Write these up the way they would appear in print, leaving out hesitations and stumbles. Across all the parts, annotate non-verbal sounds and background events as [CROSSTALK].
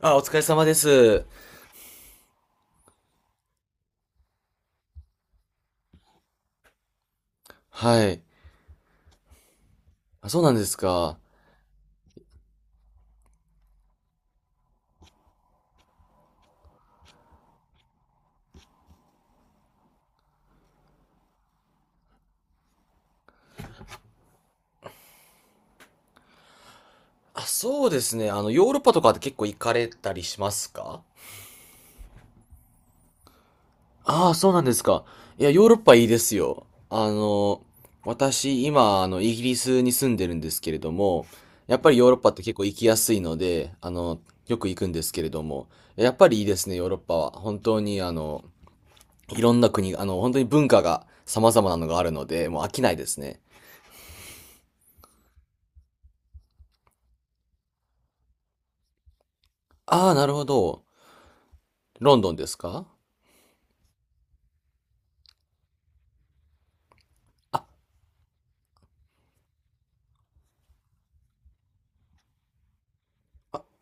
あ、お疲れ様です。はい。あ、そうなんですか。あ、そうですね。ヨーロッパとかって結構行かれたりしますか？ああ、そうなんですか。いや、ヨーロッパいいですよ。私、今、イギリスに住んでるんですけれども、やっぱりヨーロッパって結構行きやすいので、よく行くんですけれども、やっぱりいいですね、ヨーロッパは。本当に、いろんな国、本当に文化が様々なのがあるので、もう飽きないですね。ああ、なるほど。ロンドンですか？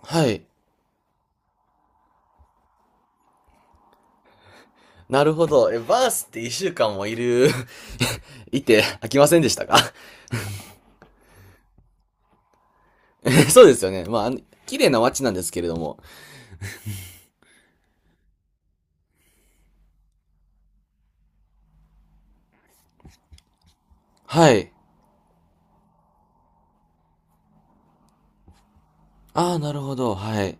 はい。なるほど。え、バースって1週間もいる [LAUGHS] いて飽きませんでしたか？ [LAUGHS] えそうですよね。まあ、綺麗な街なんですけれども。はい。ああ、なるほど。はい。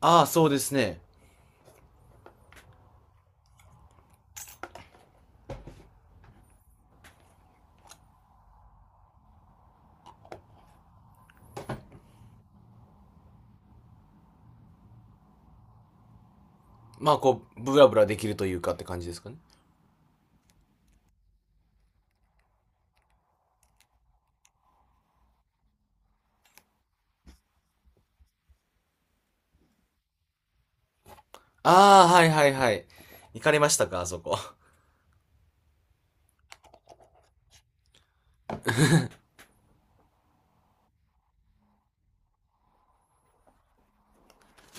ああ、そうですね。まあ、ブラブラできるというかって感じですかね。ああ、はいはいはい。行かれましたか、あそこ。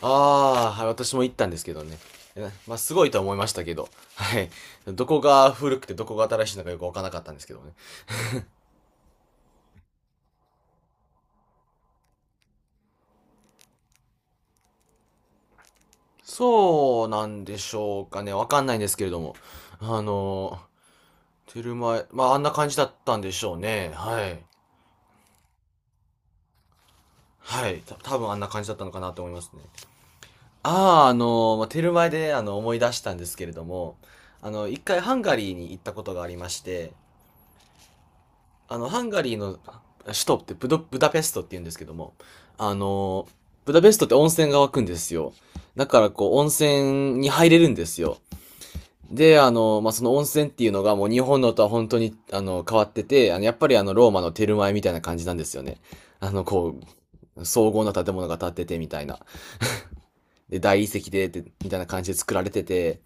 ああ、はい、私も行ったんですけどね。えまあ、すごいとは思いましたけど。はい。どこが古くてどこが新しいのかよくわからなかったんですけどね。そうなんでしょうかね。わかんないんですけれども。あの、テルマエ、まあ、あんな感じだったんでしょうね。はい。はい。多分あんな感じだったのかなと思いますね。ああ、まあ、テルマエで、思い出したんですけれども、一回ハンガリーに行ったことがありまして、ハンガリーの首都ってブダペストって言うんですけども、あの、ブダペストって温泉が湧くんですよ。だからこう、温泉に入れるんですよ。で、まあ、その温泉っていうのがもう日本のとは本当に、変わってて、やっぱりローマのテルマエみたいな感じなんですよね。こう、荘厳な建物が建っててみたいな。で、大理石で、みたいな感じで作られてて、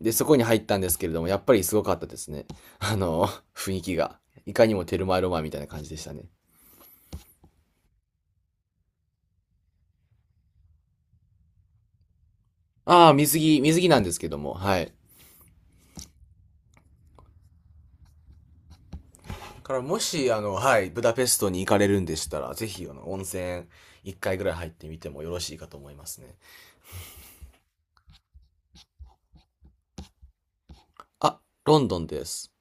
で、そこに入ったんですけれども、やっぱりすごかったですね。あの、雰囲気が。いかにもテルマエロマエみたいな感じでしたね。ああ、水着、水着なんですけども、はい。から、もし、はい、ブダペストに行かれるんでしたら、ぜひ、温泉、一回ぐらい入ってみてもよろしいかと思いますね。あ、ロンドンです。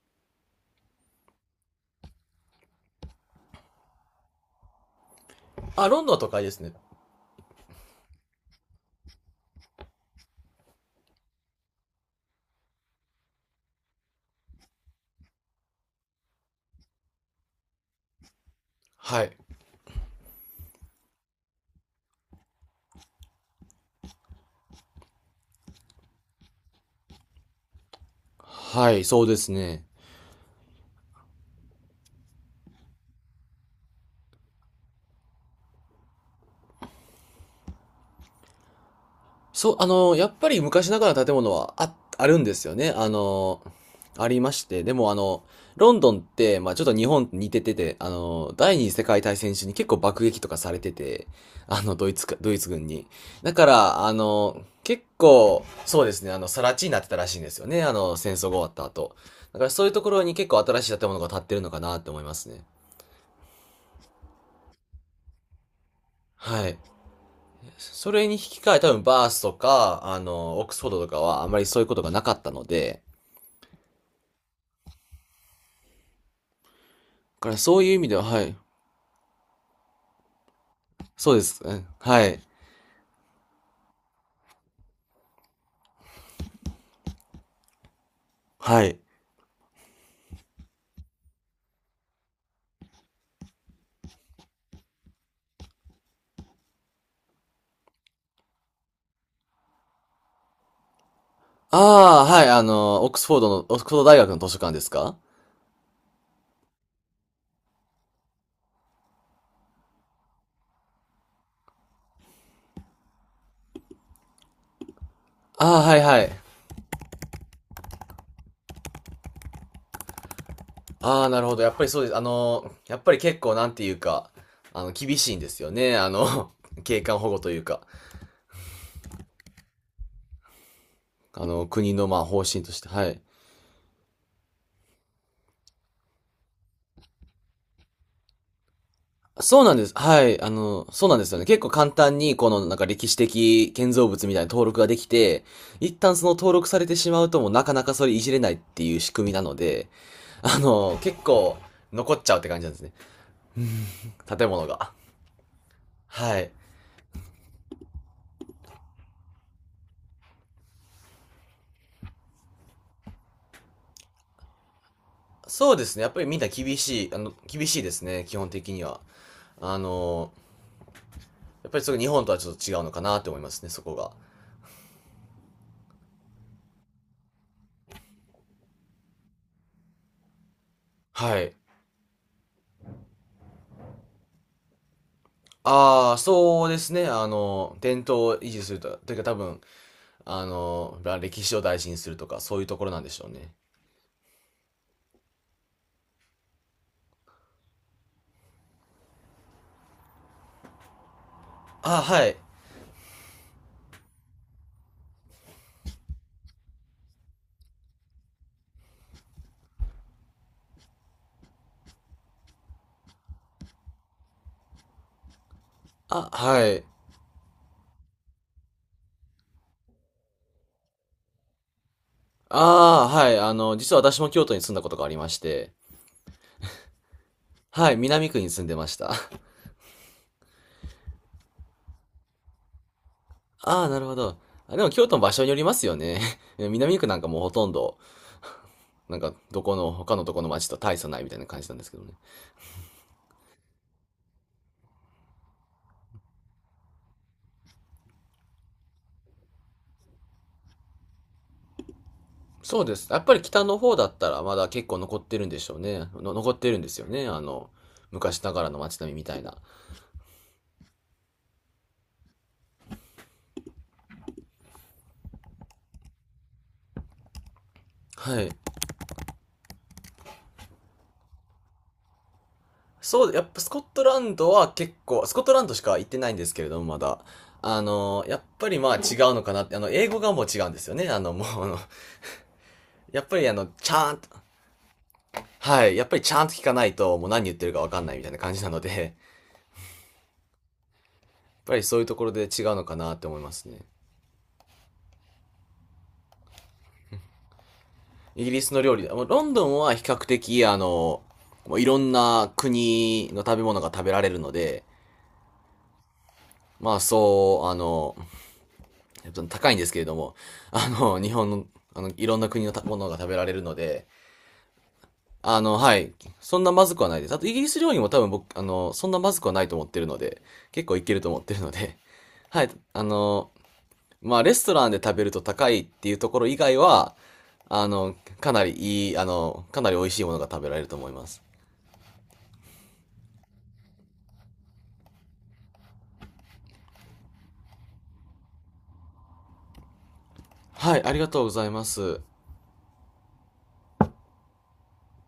あ、ロンドンは都会ですね。はい。はい、そうですね。そう、やっぱり昔ながらの建物はあるんですよね。ありまして。でもあの、ロンドンって、まあちょっと日本と似ててて、第二次世界大戦中に結構爆撃とかされてて、ドイツ軍に。だから、結構、そうですね、更地になってたらしいんですよね。戦争が終わった後。だからそういうところに結構新しい建物が建ってるのかなって思いますね。はい。それに引き換え多分バースとか、オックスフォードとかはあまりそういうことがなかったので、だからそういう意味では、はい。そうです。うんはい。はい。ああ、はい、オックスフォード大学の図書館ですか？ああ、はいはい。ああ、なるほど。やっぱりそうです。やっぱり結構なんていうか、厳しいんですよね。[LAUGHS] 景観保護というか、国のまあ方針として、はい。そうなんです。はい。そうなんですよね。結構簡単に、このなんか歴史的建造物みたいな登録ができて、一旦その登録されてしまうともうなかなかそれいじれないっていう仕組みなので、結構残っちゃうって感じなんですね。建物が。はい。そうですね。やっぱりみんな厳しいですね。基本的には。あの、やっぱりそれ日本とはちょっと違うのかなって思いますね、そこが。はい。ああ、そうですね。伝統を維持すると、というか多分、歴史を大事にするとか、そういうところなんでしょうね。あ、はい。あ、はい。ああ、はい。実は私も京都に住んだことがありまして、はい、南区に住んでました。[LAUGHS] ああ、なるほど。あでも京都の場所によりますよね。[LAUGHS] 南区なんかもうほとんど、なんかどこの、他のどこの町と大差ないみたいな感じなんですけどね。そうです。やっぱり北の方だったらまだ結構残ってるんでしょうね。残ってるんですよね。昔ながらの街並みみたいな。はい。そう、やっぱスコットランドしか行ってないんですけれども、まだ。やっぱりまあ違うのかなって、英語がもう違うんですよね。あの、もう、あの、やっぱりあの、ちゃんと、はい、やっぱりちゃんと聞かないと、もう何言ってるかわかんないみたいな感じなので、やっぱりそういうところで違うのかなって思いますね。イギリスの料理、もうロンドンは比較的、もういろんな国の食べ物が食べられるので、まあそう、高いんですけれども、[LAUGHS] 日本の、いろんな国のたものが食べられるので、はい。そんなまずくはないです。あと、イギリス料理も多分僕、そんなまずくはないと思ってるので、結構いけると思ってるので、[LAUGHS] はい。まあ、レストランで食べると高いっていうところ以外は、あの、かなりかなり美味しいものが食べられると思います。はい、ありがとうございます。